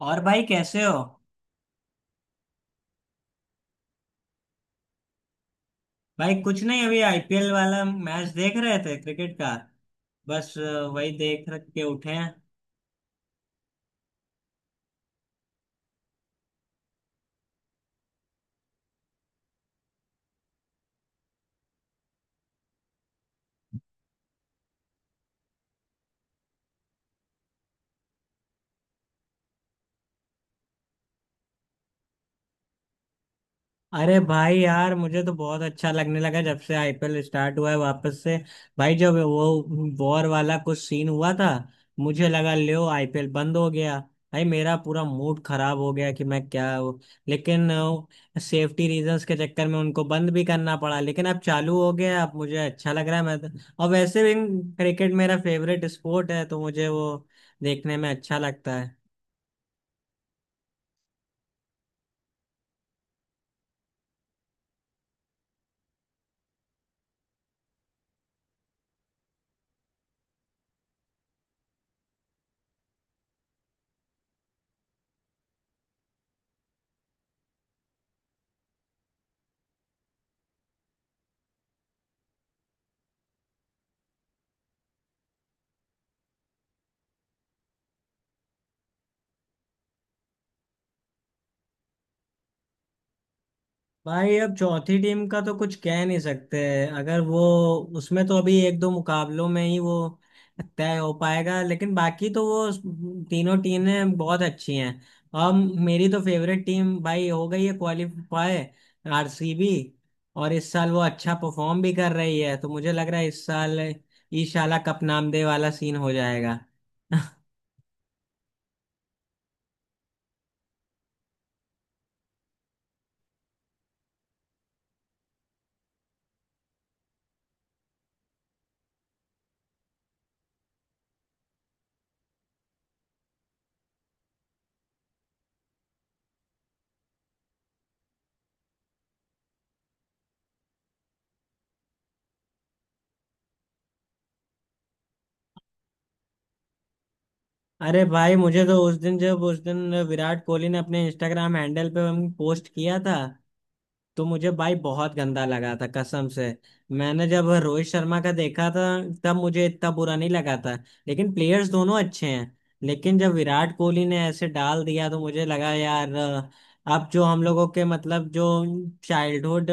और भाई कैसे हो? भाई, कुछ नहीं। अभी आईपीएल वाला मैच देख रहे थे, क्रिकेट का। बस वही देख रख के उठे हैं। अरे भाई यार, मुझे तो बहुत अच्छा लगने लगा जब से आईपीएल स्टार्ट हुआ है वापस से। भाई, जब वो वॉर वाला कुछ सीन हुआ था, मुझे लगा लो आईपीएल बंद हो गया। भाई, मेरा पूरा मूड खराब हो गया कि मैं क्या हूँ। लेकिन सेफ्टी रीजंस के चक्कर में उनको बंद भी करना पड़ा, लेकिन अब चालू हो गया। अब मुझे अच्छा लग रहा है मैं तो। और वैसे भी क्रिकेट मेरा फेवरेट स्पोर्ट है, तो मुझे वो देखने में अच्छा लगता है। भाई, अब चौथी टीम का तो कुछ कह नहीं सकते। अगर वो उसमें तो अभी एक दो मुकाबलों में ही वो तय हो पाएगा। लेकिन बाकी तो वो तीनों टीमें बहुत अच्छी हैं। और मेरी तो फेवरेट टीम, भाई, हो गई है क्वालिफाई, आरसीबी। और इस साल वो अच्छा परफॉर्म भी कर रही है, तो मुझे लग रहा है इस साल ईशाला कप नाम दे वाला सीन हो जाएगा। अरे भाई, मुझे तो उस दिन जब उस दिन विराट कोहली ने अपने इंस्टाग्राम हैंडल पे पोस्ट किया था, तो मुझे भाई बहुत गंदा लगा था, कसम से। मैंने जब रोहित शर्मा का देखा था, तब मुझे इतना बुरा नहीं लगा था। लेकिन प्लेयर्स दोनों अच्छे हैं। लेकिन जब विराट कोहली ने ऐसे डाल दिया तो मुझे लगा यार, अब जो हम लोगों के मतलब जो चाइल्डहुड,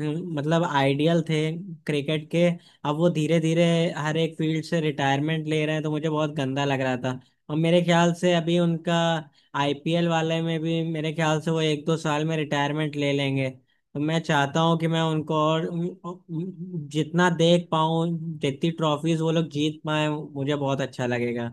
मतलब आइडियल थे क्रिकेट के, अब वो धीरे धीरे हर एक फील्ड से रिटायरमेंट ले रहे हैं, तो मुझे बहुत गंदा लग रहा था। और मेरे ख्याल से अभी उनका आईपीएल वाले में भी, मेरे ख्याल से वो एक दो साल में रिटायरमेंट ले लेंगे, तो मैं चाहता हूँ कि मैं उनको और जितना देख पाऊँ, जितनी ट्रॉफीज वो लोग जीत पाए, मुझे बहुत अच्छा लगेगा।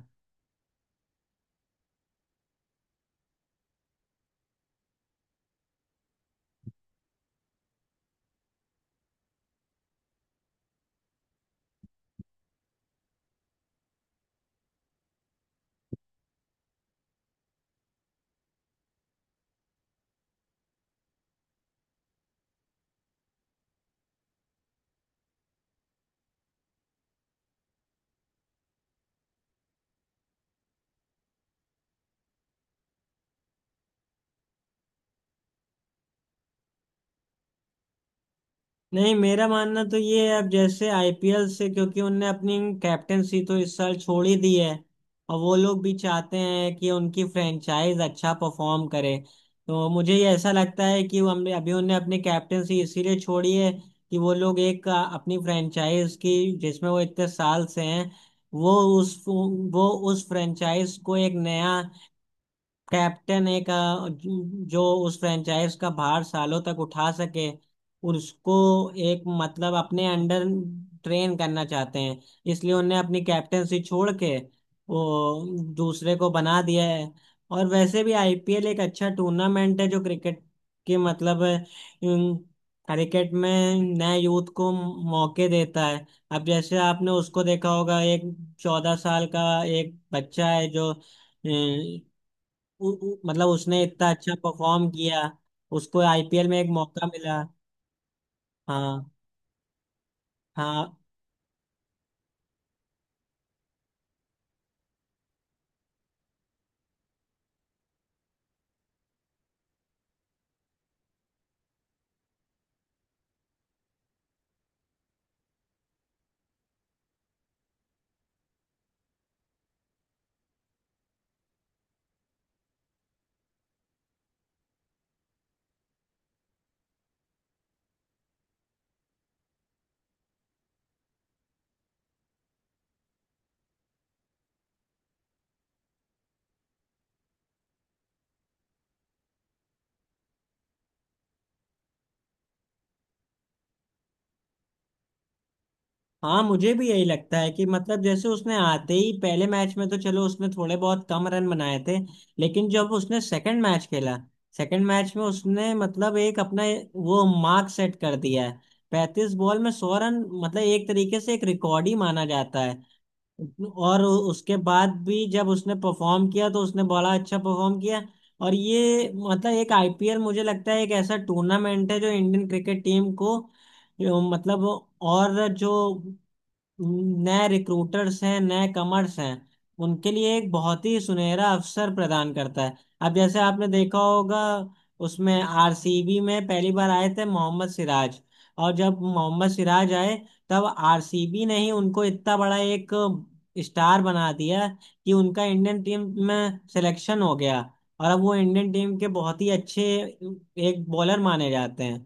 नहीं, मेरा मानना तो ये है। अब जैसे आईपीएल से, क्योंकि उनने अपनी कैप्टेंसी तो इस साल छोड़ ही दी है। और वो लोग भी चाहते हैं कि उनकी फ्रेंचाइज अच्छा परफॉर्म करे। तो मुझे ये ऐसा लगता है कि वो हमने अभी उनने अपनी कैप्टेंसी इसीलिए छोड़ी है, कि वो लोग एक अपनी फ्रेंचाइज की, जिसमें वो इतने साल से हैं, वो उस फ्रेंचाइज को एक नया कैप्टन, एक जो जो उस फ्रेंचाइज का भार सालों तक उठा सके, उसको एक मतलब अपने अंडर ट्रेन करना चाहते हैं। इसलिए उन्हें अपनी कैप्टेंसी छोड़ के वो दूसरे को बना दिया है। और वैसे भी आईपीएल एक अच्छा टूर्नामेंट है जो क्रिकेट के मतलब क्रिकेट में नए यूथ को मौके देता है। अब जैसे आपने उसको देखा होगा, एक 14 साल का एक बच्चा है जो मतलब उसने इतना अच्छा परफॉर्म किया। उसको आईपीएल में एक मौका मिला। हाँ, हाँ, हाँ, मुझे भी यही लगता है कि मतलब जैसे उसने आते ही पहले मैच में, तो चलो, उसने थोड़े बहुत कम रन बनाए थे। लेकिन जब उसने सेकंड मैच खेला, सेकंड मैच में उसने मतलब एक अपना वो मार्क सेट कर दिया है। 35 बॉल में 100 रन, मतलब एक तरीके से एक रिकॉर्ड ही माना जाता है। और उसके बाद भी जब उसने परफॉर्म किया तो उसने बड़ा अच्छा परफॉर्म किया। और ये मतलब एक आईपीएल, मुझे लगता है एक ऐसा टूर्नामेंट है जो इंडियन क्रिकेट टीम को, जो मतलब और जो नए रिक्रूटर्स हैं, नए कमर्स हैं, उनके लिए एक बहुत ही सुनहरा अवसर प्रदान करता है। अब जैसे आपने देखा होगा, उसमें आरसीबी में पहली बार आए थे मोहम्मद सिराज। और जब मोहम्मद सिराज आए, तब आरसीबी ने ही उनको इतना बड़ा एक स्टार बना दिया कि उनका इंडियन टीम में सिलेक्शन हो गया। और अब वो इंडियन टीम के बहुत ही अच्छे एक बॉलर माने जाते हैं।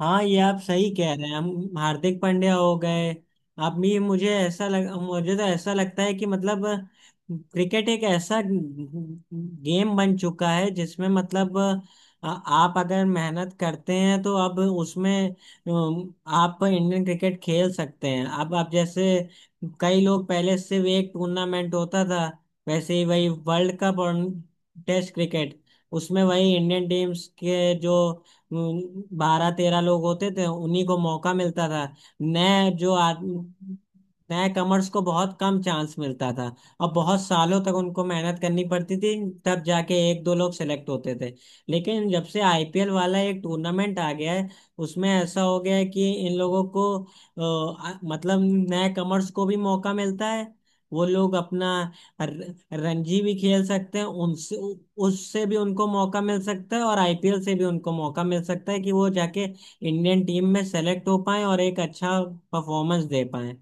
हाँ, ये आप सही कह रहे हैं। हम, हार्दिक पांड्या हो गए। आप भी मुझे तो ऐसा लगता है कि मतलब क्रिकेट एक ऐसा गेम बन चुका है, जिसमें मतलब आप अगर मेहनत करते हैं तो अब उसमें आप इंडियन क्रिकेट खेल सकते हैं। अब आप जैसे, कई लोग पहले सिर्फ एक टूर्नामेंट होता था, वैसे ही वही वर्ल्ड कप और टेस्ट क्रिकेट। उसमें वही इंडियन टीम्स के जो 12-13 लोग होते थे, उन्हीं को मौका मिलता था। नए जो आदमी, नए कमर्स को बहुत कम चांस मिलता था। और बहुत सालों तक उनको मेहनत करनी पड़ती थी, तब जाके एक दो लोग सेलेक्ट होते थे। लेकिन जब से आईपीएल वाला एक टूर्नामेंट आ गया है, उसमें ऐसा हो गया है कि इन लोगों को मतलब नए कमर्स को भी मौका मिलता है। वो लोग अपना र- रणजी भी खेल सकते हैं, उनसे उससे भी उनको मौका मिल सकता है, और आईपीएल से भी उनको मौका मिल सकता है कि वो जाके इंडियन टीम में सेलेक्ट हो पाए और एक अच्छा परफॉर्मेंस दे पाए।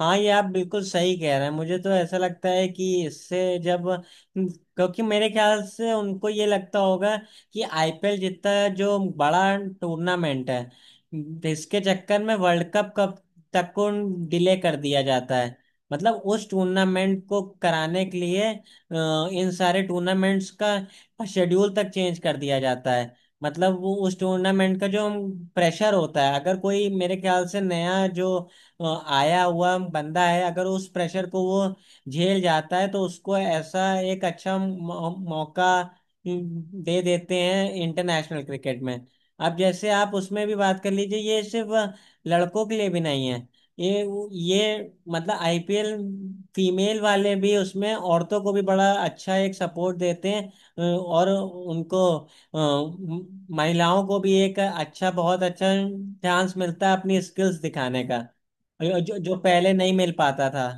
हाँ, ये आप बिल्कुल सही कह रहे हैं। मुझे तो ऐसा लगता है कि इससे, जब, क्योंकि मेरे ख्याल से उनको ये लगता होगा कि आईपीएल जितना जो बड़ा टूर्नामेंट है, इसके चक्कर में वर्ल्ड कप कब तक को डिले कर दिया जाता है। मतलब उस टूर्नामेंट को कराने के लिए इन सारे टूर्नामेंट्स का शेड्यूल तक चेंज कर दिया जाता है। मतलब वो उस टूर्नामेंट का जो प्रेशर होता है, अगर कोई मेरे ख्याल से नया जो आया हुआ बंदा है, अगर उस प्रेशर को वो झेल जाता है तो उसको ऐसा एक अच्छा मौका दे देते हैं इंटरनेशनल क्रिकेट में। अब जैसे आप उसमें भी बात कर लीजिए, ये सिर्फ लड़कों के लिए भी नहीं है। ये ये मतलब आईपीएल, फीमेल वाले भी उसमें औरतों को भी बड़ा अच्छा एक सपोर्ट देते हैं। और उनको महिलाओं को भी एक अच्छा बहुत अच्छा चांस मिलता है अपनी स्किल्स दिखाने का, जो, जो जो पहले नहीं मिल पाता था।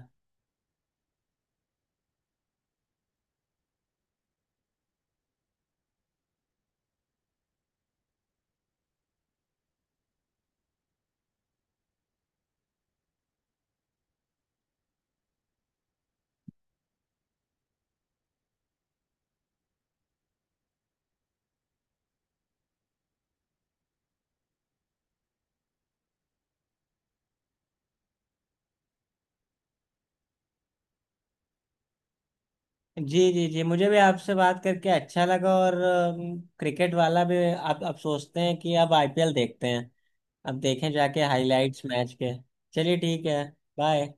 जी, जी, जी, मुझे भी आपसे बात करके अच्छा लगा। और क्रिकेट वाला भी, अब सोचते हैं कि अब आईपीएल देखते हैं। अब देखें जाके हाइलाइट्स मैच के। चलिए, ठीक है। बाय।